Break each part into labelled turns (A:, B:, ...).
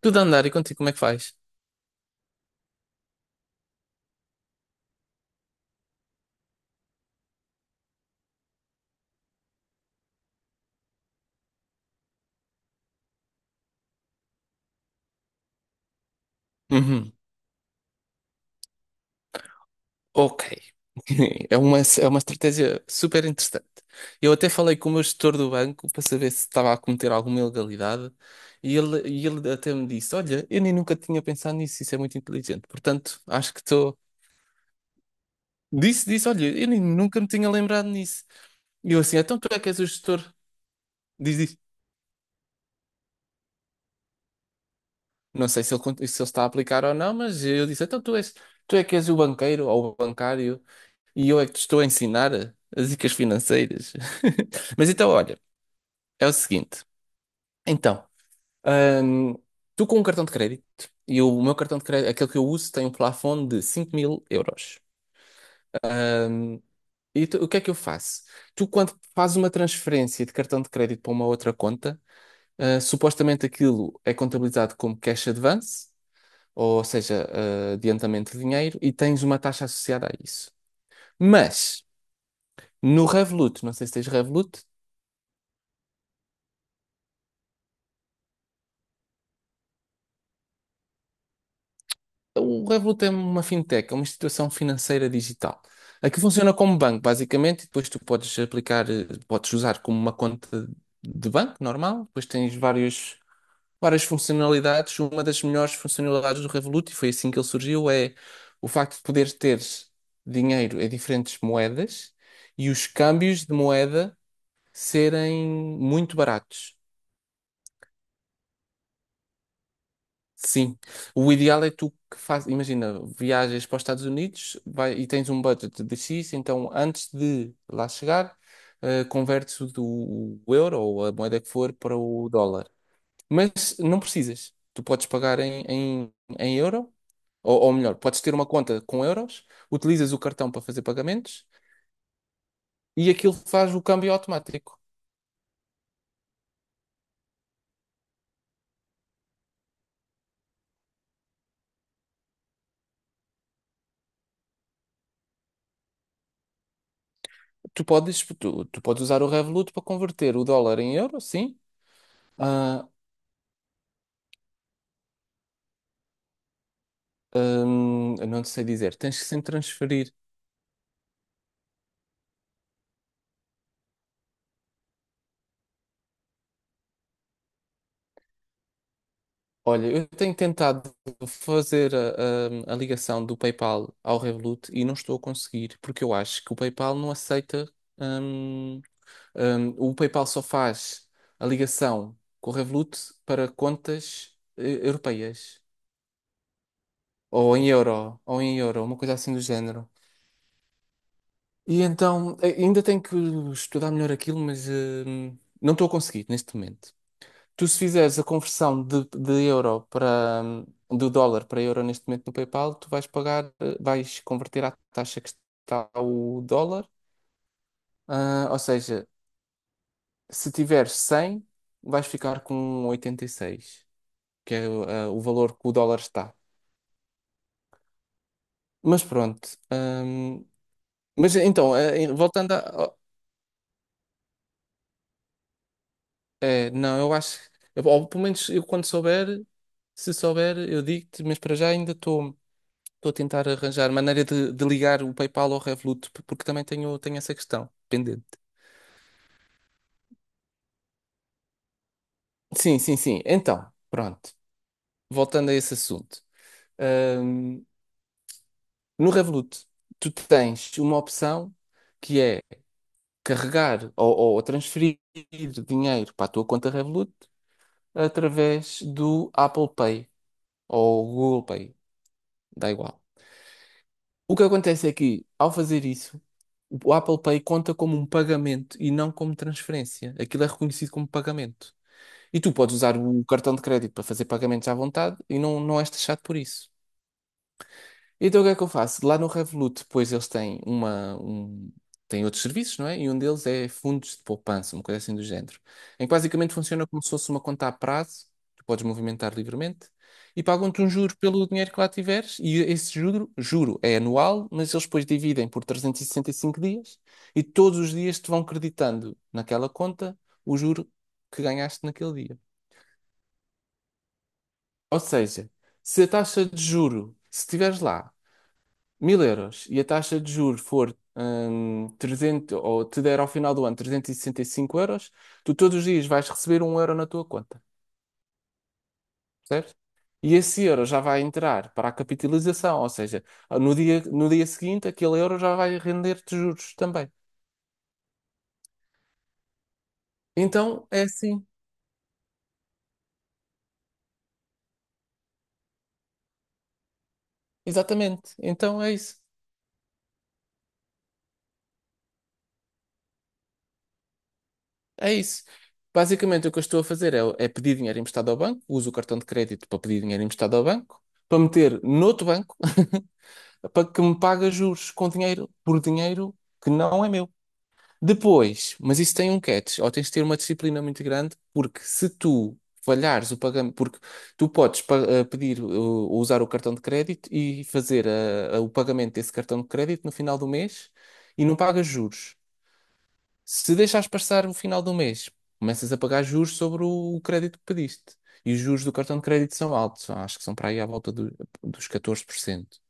A: Tudo a andar e contigo, como é que faz? Uhum. Ok. É uma estratégia super interessante. Eu até falei com o meu gestor do banco para saber se estava a cometer alguma ilegalidade e ele até me disse: Olha, eu nem nunca tinha pensado nisso, isso é muito inteligente. Portanto, acho que estou. Disse: Olha, eu nem nunca me tinha lembrado nisso. E eu assim: Então tu é que és o gestor? Diz isso. Não sei se ele, se ele está a aplicar ou não, mas eu disse: Então tu és, tu é que és o banqueiro ou o bancário. E eu é que te estou a ensinar as dicas financeiras. Mas então, olha, é o seguinte. Então, hum, tu com um cartão de crédito, e o meu cartão de crédito, aquele que eu uso, tem um plafond de 5000€. Hum, o que é que eu faço? Tu, quando fazes uma transferência de cartão de crédito para uma outra conta, supostamente aquilo é contabilizado como cash advance, ou seja, adiantamento de dinheiro, e tens uma taxa associada a isso. Mas no Revolut, não sei se tens Revolut. O Revolut é uma fintech, é uma instituição financeira digital. Aqui funciona como banco, basicamente, e depois tu podes aplicar, podes usar como uma conta de banco normal, depois tens várias funcionalidades. Uma das melhores funcionalidades do Revolut, e foi assim que ele surgiu, é o facto de poderes ter dinheiro em diferentes moedas e os câmbios de moeda serem muito baratos. Sim, o ideal é tu que faz, imagina, viajas para os Estados Unidos vai, e tens um budget de X, então antes de lá chegar, convertes o euro ou a moeda que for para o dólar. Mas não precisas, tu podes pagar em euro, ou melhor, podes ter uma conta com euros, utilizas o cartão para fazer pagamentos e aquilo faz o câmbio automático. Tu podes usar o Revolut para converter o dólar em euro, sim. Ah, eu não te sei dizer, tens que sempre transferir. Olha, eu tenho tentado fazer a ligação do PayPal ao Revolut e não estou a conseguir, porque eu acho que o PayPal não aceita. hum, o PayPal só faz a ligação com o Revolut para contas europeias, ou em euro, uma coisa assim do género. E então, ainda tenho que estudar melhor aquilo, mas não estou a conseguir neste momento. Tu se fizeres a conversão de euro para, do dólar para euro neste momento no PayPal, tu vais pagar, vais converter à taxa que está o dólar. Ou seja, se tiveres 100, vais ficar com 86, que é o o valor que o dólar está. Mas pronto. Mas então, voltando a. Oh, é, não, eu acho. Ou pelo menos eu quando souber, se souber, eu digo-te, mas para já ainda estou. Estou a tentar arranjar maneira de ligar o PayPal ao Revolut, porque também tenho, tenho essa questão pendente. Sim, sim, sim. Então, pronto. Voltando a esse assunto. Ahm, no Revolut, tu tens uma opção que é carregar ou transferir dinheiro para a tua conta Revolut através do Apple Pay ou Google Pay. Dá igual. O que acontece é que, ao fazer isso, o Apple Pay conta como um pagamento e não como transferência. Aquilo é reconhecido como pagamento. E tu podes usar o cartão de crédito para fazer pagamentos à vontade e não és taxado por isso. Então o que é que eu faço? Lá no Revolut, depois eles têm têm outros serviços, não é? E um deles é fundos de poupança, uma coisa assim do género. Em que basicamente funciona como se fosse uma conta a prazo, tu podes movimentar livremente, e pagam-te um juro pelo dinheiro que lá tiveres, e esse juro é anual, mas eles depois dividem por 365 dias, e todos os dias te vão creditando naquela conta o juro que ganhaste naquele dia. Ou seja, se a taxa de juro, se estiveres lá 1000€ e a taxa de juros for 300, ou te der ao final do ano 365 euros, tu todos os dias vais receber um euro na tua conta, certo? E esse euro já vai entrar para a capitalização, ou seja, no dia seguinte aquele euro já vai render-te juros também. Então é assim, exatamente. Então é é isso. Basicamente o que eu estou a fazer é, é pedir dinheiro emprestado ao banco, uso o cartão de crédito para pedir dinheiro emprestado ao banco, para meter noutro banco. É para que me paga juros com dinheiro, por dinheiro que não é meu. Depois, mas isso tem um catch, ou tens de ter uma disciplina muito grande, porque se tu falhares o pagamento, porque tu podes pedir ou usar o cartão de crédito e fazer o pagamento desse cartão de crédito no final do mês e não pagas juros. Se deixares passar o final do mês, começas a pagar juros sobre o crédito que pediste. E os juros do cartão de crédito são altos, acho que são para aí à volta dos 14%.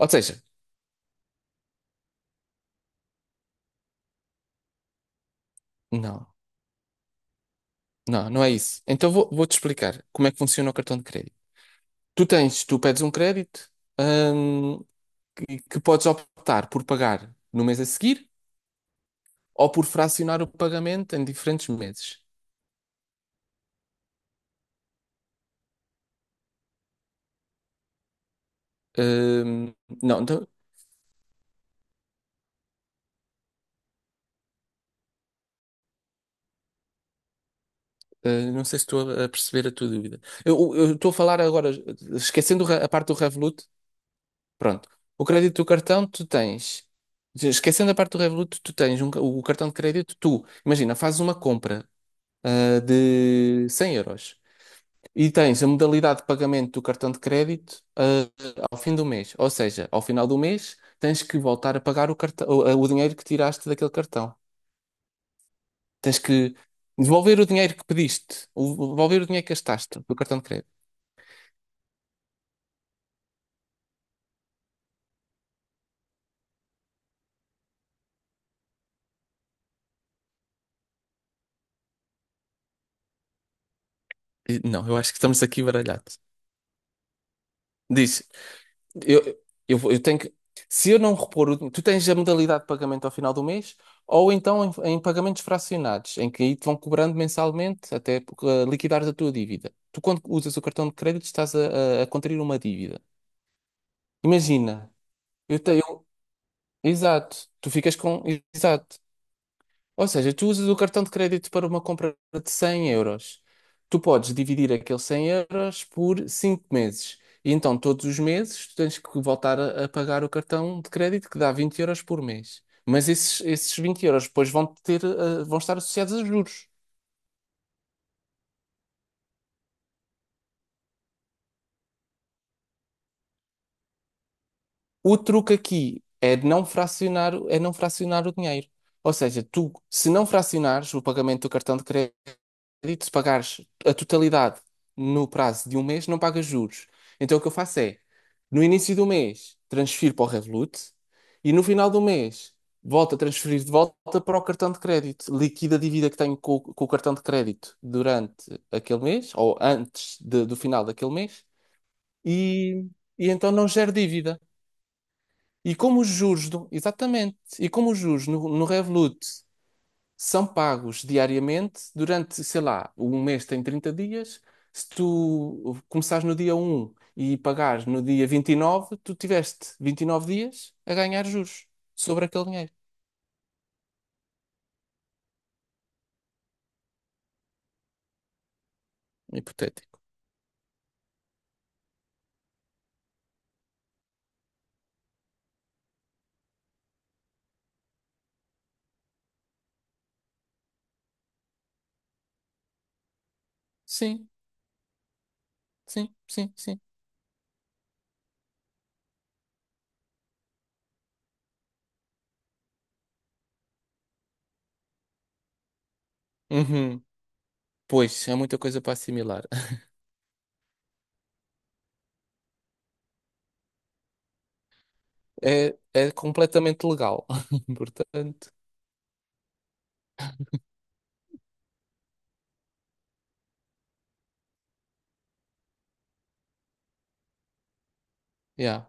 A: Ou seja, não. Não, não é isso. Então vou, vou-te explicar como é que funciona o cartão de crédito. Tu pedes um crédito, hum, que podes optar por pagar no mês a seguir ou por fracionar o pagamento em diferentes meses. Hum, não, então, não sei se estou a perceber a tua dúvida. Eu estou a falar agora, esquecendo a parte do Revolut, pronto. O crédito do cartão, tu tens. Esquecendo a parte do Revolut, tu tens um o cartão de crédito, tu, imagina, fazes uma compra de 100€. E tens a modalidade de pagamento do cartão de crédito, ao fim do mês. Ou seja, ao final do mês tens que voltar a pagar o cartão, o dinheiro que tiraste daquele cartão. Tens que devolver o dinheiro que pediste, devolver o dinheiro que gastaste do cartão de crédito. E, não, eu acho que estamos aqui baralhados. Diz, Eu, eu, eu tenho que. Se eu não repor o. Tu tens a modalidade de pagamento ao final do mês, ou então em pagamentos fracionados, em que aí te vão cobrando mensalmente até liquidares a tua dívida. Tu, quando usas o cartão de crédito, estás a contrair uma dívida. Imagina, eu tenho. Exato, tu ficas com. Exato. Ou seja, tu usas o cartão de crédito para uma compra de 100€. Tu podes dividir aqueles 100€ por 5 meses. E então, todos os meses, tu tens que voltar a pagar o cartão de crédito, que dá 20€ por mês. Mas esses 20€ depois vão ter, vão estar associados a juros. O truque aqui é de não fracionar, é não fracionar o dinheiro. Ou seja, tu, se não fracionares o pagamento do cartão de crédito, crédito, se pagares a totalidade no prazo de um mês, não pagas juros. Então o que eu faço é, no início do mês, transfiro para o Revolut e no final do mês, volto a transferir de volta para o cartão de crédito. Liquido a dívida que tenho com o cartão de crédito durante aquele mês, ou antes do final daquele mês, e, e então não gero dívida. E como os juros, exatamente, e como os juros no Revolut são pagos diariamente durante, sei lá, um mês tem 30 dias. Se tu começares no dia um e pagares no dia 29 tu tiveste 29 dias a ganhar juros sobre aquele dinheiro. Hipotético. Sim, sim, sim, sim. Uhum. Pois, é muita coisa para assimilar. É, é completamente legal. Portanto, yeah.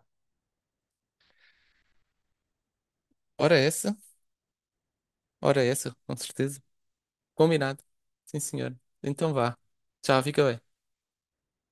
A: Ora essa, ora essa, com certeza. Combinado. Sim, senhor. Então vá. Tchau, fica bem.